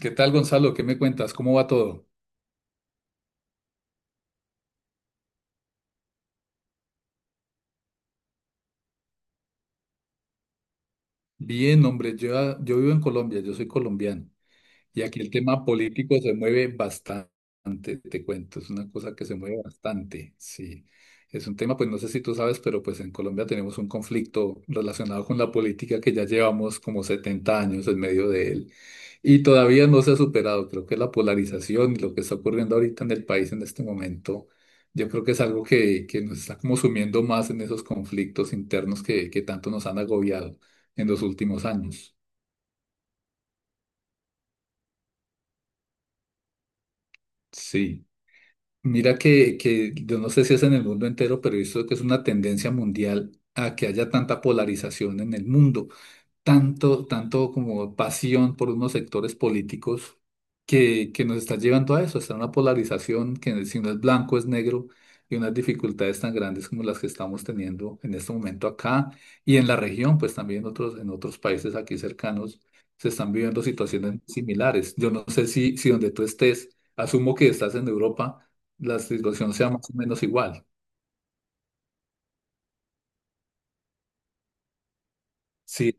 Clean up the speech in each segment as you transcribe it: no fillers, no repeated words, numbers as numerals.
¿Qué tal, Gonzalo? ¿Qué me cuentas? ¿Cómo va todo? Bien, hombre, yo vivo en Colombia, yo soy colombiano. Y aquí el tema político se mueve bastante, te cuento, es una cosa que se mueve bastante, sí. Es un tema, pues no sé si tú sabes, pero pues en Colombia tenemos un conflicto relacionado con la política que ya llevamos como 70 años en medio de él y todavía no se ha superado. Creo que la polarización y lo que está ocurriendo ahorita en el país en este momento, yo creo que es algo que nos está como sumiendo más en esos conflictos internos que tanto nos han agobiado en los últimos años. Sí. Mira que yo no sé si es en el mundo entero, pero he visto que es una tendencia mundial a que haya tanta polarización en el mundo tanto como pasión por unos sectores políticos que nos está llevando a eso, está una polarización que si no es blanco es negro y unas dificultades tan grandes como las que estamos teniendo en este momento acá y en la región, pues también otros, en otros países aquí cercanos se están viviendo situaciones similares. Yo no sé si, si donde tú estés, asumo que estás en Europa, la situación sea más o menos igual. Sí.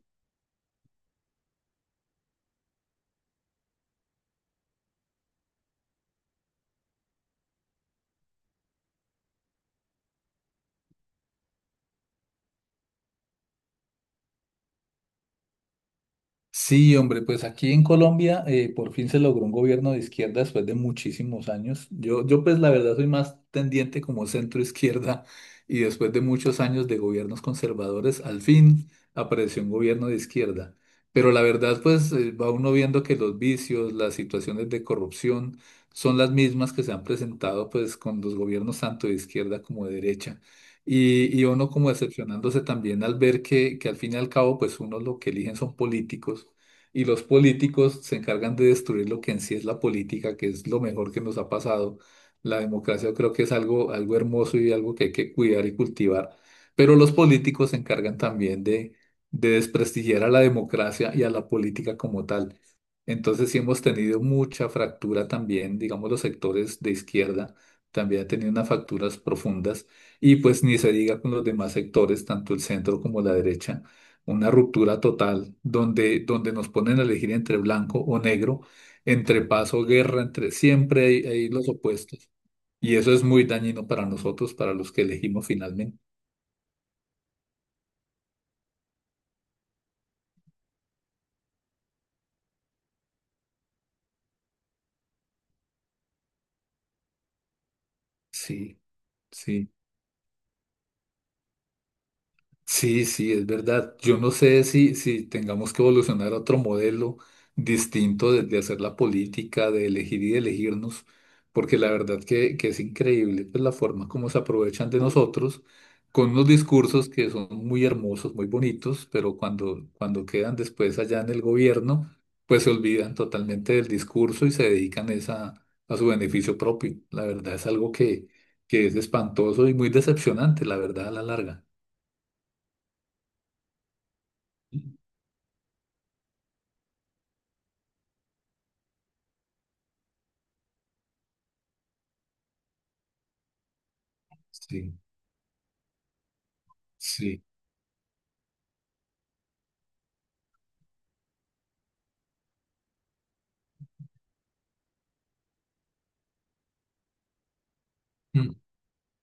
Sí, hombre, pues aquí en Colombia por fin se logró un gobierno de izquierda después de muchísimos años. Yo pues la verdad soy más tendiente como centro izquierda y después de muchos años de gobiernos conservadores, al fin apareció un gobierno de izquierda. Pero la verdad pues va uno viendo que los vicios, las situaciones de corrupción son las mismas que se han presentado pues con los gobiernos tanto de izquierda como de derecha. Y uno como decepcionándose también al ver que al fin y al cabo, pues uno lo que eligen son políticos y los políticos se encargan de destruir lo que en sí es la política, que es lo mejor que nos ha pasado. La democracia yo creo que es algo, algo hermoso y algo que hay que cuidar y cultivar, pero los políticos se encargan también de desprestigiar a la democracia y a la política como tal. Entonces sí hemos tenido mucha fractura también, digamos, los sectores de izquierda también han tenido unas fracturas profundas y pues ni se diga con los demás sectores, tanto el centro como la derecha, una ruptura total donde nos ponen a elegir entre blanco o negro, entre paz o guerra, entre siempre hay, hay los opuestos. Y eso es muy dañino para nosotros, para los que elegimos finalmente. Sí, sí. Sí, sí, es verdad. Yo no sé si, si tengamos que evolucionar a otro modelo distinto de hacer la política, de elegir y de elegirnos, porque la verdad que es increíble pues, la forma como se aprovechan de nosotros con unos discursos que son muy hermosos, muy bonitos, pero cuando quedan después allá en el gobierno, pues se olvidan totalmente del discurso y se dedican es a su beneficio propio. La verdad es algo que es espantoso y muy decepcionante, la verdad, a la larga. Sí, sí. Mm,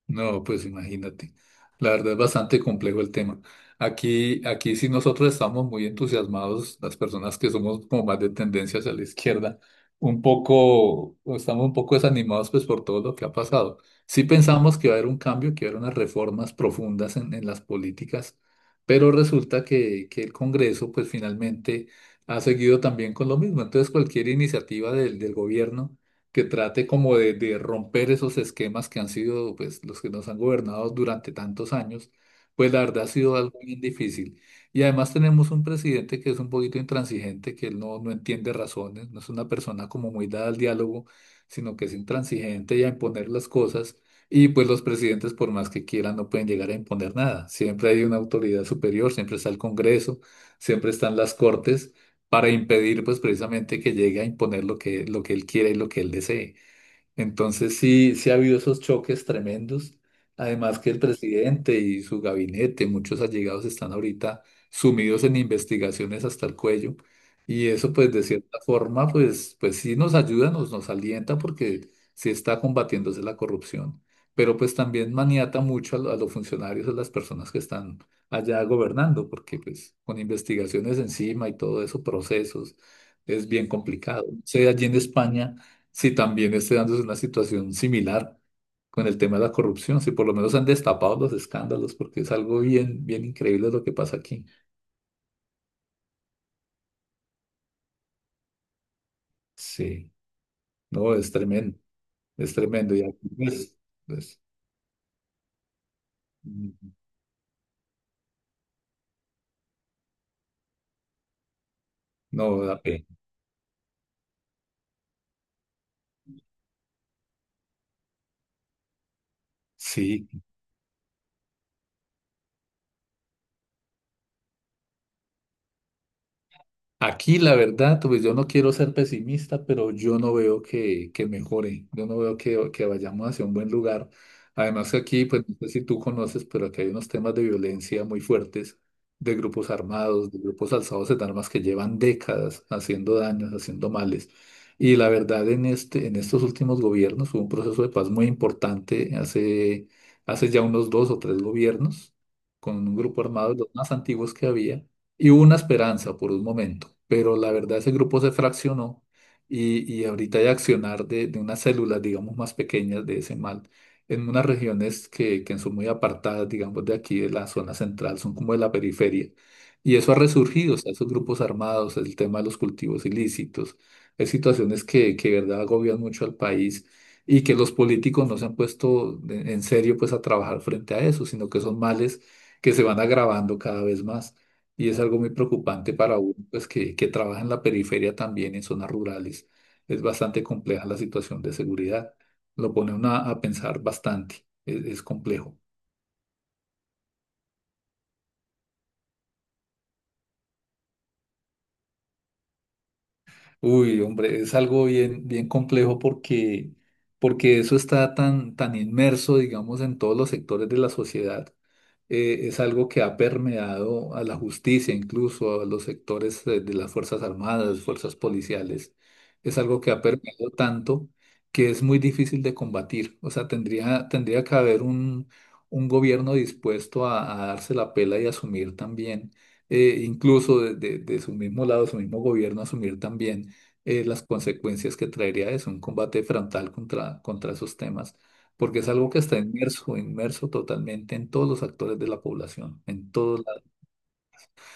No, pues imagínate. La verdad es bastante complejo el tema. Aquí sí nosotros estamos muy entusiasmados, las personas que somos como más de tendencia hacia la izquierda, un poco, o estamos un poco desanimados pues por todo lo que ha pasado. Sí pensamos que va a haber un cambio, que va a haber unas reformas profundas en las políticas, pero resulta que el Congreso pues finalmente ha seguido también con lo mismo. Entonces cualquier iniciativa del, del gobierno que trate como de romper esos esquemas que han sido pues, los que nos han gobernado durante tantos años, pues la verdad ha sido algo bien difícil. Y además tenemos un presidente que es un poquito intransigente, que él no, no entiende razones, no es una persona como muy dada al diálogo, sino que es intransigente y a imponer las cosas. Y pues los presidentes, por más que quieran, no pueden llegar a imponer nada. Siempre hay una autoridad superior, siempre está el Congreso, siempre están las Cortes para impedir pues precisamente que llegue a imponer lo que él quiera y lo que él desee. Entonces sí, sí ha habido esos choques tremendos. Además que el presidente y su gabinete, muchos allegados están ahorita sumidos en investigaciones hasta el cuello. Y eso pues de cierta forma pues, pues sí nos ayuda, nos, nos alienta porque sí está combatiéndose la corrupción. Pero pues también maniata mucho a, lo- a los funcionarios, a las personas que están allá gobernando, porque pues con investigaciones encima y todo eso, procesos, es bien complicado. O sea, allí en España si también esté dándose una situación similar con el tema de la corrupción, si por lo menos han destapado los escándalos, porque es algo bien, bien increíble lo que pasa aquí. Sí, no, es tremendo, es tremendo. Y aquí, pues, pues, mm, no da pena. Sí. Aquí, la verdad, pues yo no quiero ser pesimista, pero yo no veo que mejore, yo no veo que vayamos hacia un buen lugar. Además que aquí, pues no sé si tú conoces, pero aquí hay unos temas de violencia muy fuertes, de grupos armados, de grupos alzados en armas que llevan décadas haciendo daños, haciendo males. Y la verdad, en este, en estos últimos gobiernos hubo un proceso de paz muy importante hace, hace ya unos dos o tres gobiernos, con un grupo armado, los más antiguos que había y hubo una esperanza por un momento, pero la verdad ese grupo se fraccionó y ahorita hay accionar de unas células, digamos, más pequeñas de ese mal en unas regiones que son muy apartadas, digamos, de aquí, de la zona central, son como de la periferia. Y eso ha resurgido, o sea, esos grupos armados, el tema de los cultivos ilícitos, es situaciones que de verdad agobian mucho al país y que los políticos no se han puesto en serio, pues, a trabajar frente a eso, sino que son males que se van agravando cada vez más y es algo muy preocupante para uno, pues que trabaja en la periferia también, en zonas rurales. Es bastante compleja la situación de seguridad. Lo pone uno a pensar bastante, es complejo. Uy, hombre, es algo bien, bien complejo porque, porque eso está tan, tan inmerso, digamos, en todos los sectores de la sociedad. Es algo que ha permeado a la justicia, incluso a los sectores de las Fuerzas Armadas, Fuerzas Policiales. Es algo que ha permeado tanto que es muy difícil de combatir. O sea, tendría, tendría que haber un gobierno dispuesto a darse la pela y asumir también incluso de su mismo lado, su mismo gobierno, asumir también las consecuencias que traería eso, un combate frontal contra, contra esos temas, porque es algo que está inmerso, inmerso totalmente en todos los actores de la población, en todos lados.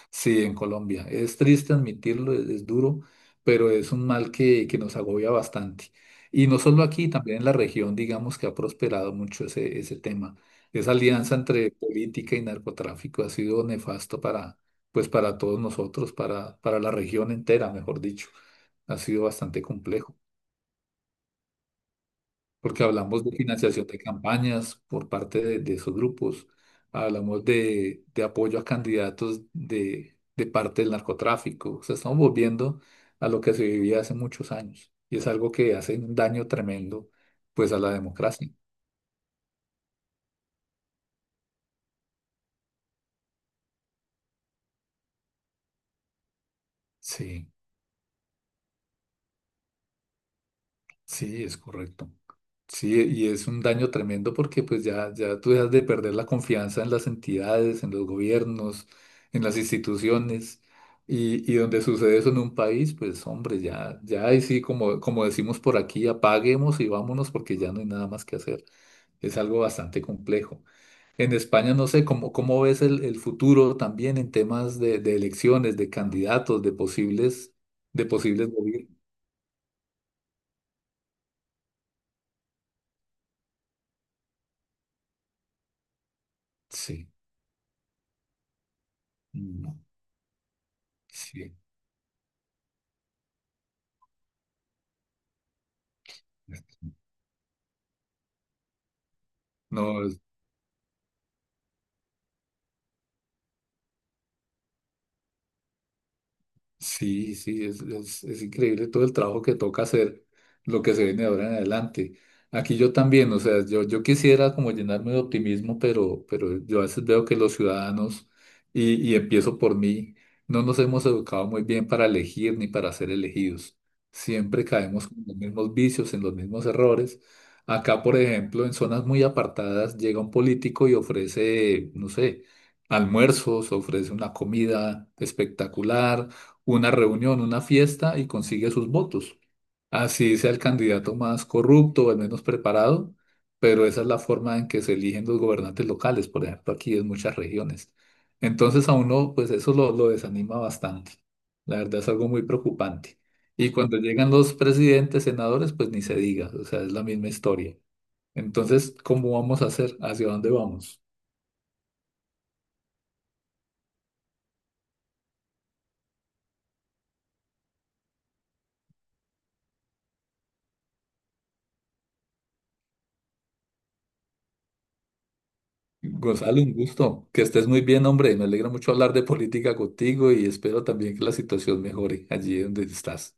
Sí, en Colombia. Es triste admitirlo, es duro, pero es un mal que nos agobia bastante. Y no solo aquí, también en la región, digamos que ha prosperado mucho ese, ese tema. Esa alianza entre política y narcotráfico ha sido nefasto para, pues para todos nosotros, para la región entera, mejor dicho. Ha sido bastante complejo. Porque hablamos de financiación de campañas por parte de esos grupos, hablamos de apoyo a candidatos de parte del narcotráfico, o sea, estamos volviendo a lo que se vivía hace muchos años y es algo que hace un daño tremendo pues a la democracia. Sí, sí, es correcto. Sí, y es un daño tremendo porque pues ya tú dejas de perder la confianza en las entidades, en los gobiernos, en las instituciones. Y donde sucede eso en un país, pues hombre, ya ahí sí, como, como decimos por aquí, apaguemos y vámonos porque ya no hay nada más que hacer. Es algo bastante complejo. En España, no sé, ¿cómo, cómo ves el futuro también en temas de elecciones, de candidatos, de posibles gobiernos? Sí, no, sí. No, sí, sí, es increíble todo el trabajo que toca hacer, lo que se viene de ahora en adelante. Aquí yo también, o sea, yo quisiera como llenarme de optimismo, pero yo a veces veo que los ciudadanos, y empiezo por mí, no nos hemos educado muy bien para elegir ni para ser elegidos. Siempre caemos en los mismos vicios, en los mismos errores. Acá, por ejemplo, en zonas muy apartadas, llega un político y ofrece, no sé, almuerzos, ofrece una comida espectacular una reunión, una fiesta y consigue sus votos. Así sea el candidato más corrupto o el menos preparado, pero esa es la forma en que se eligen los gobernantes locales, por ejemplo, aquí en muchas regiones. Entonces a uno, pues eso lo desanima bastante. La verdad es algo muy preocupante. Y cuando llegan los presidentes, senadores, pues ni se diga, o sea, es la misma historia. Entonces, ¿cómo vamos a hacer? ¿Hacia dónde vamos? Gonzalo, un gusto. Que estés muy bien, hombre. Me alegra mucho hablar de política contigo y espero también que la situación mejore allí donde estás.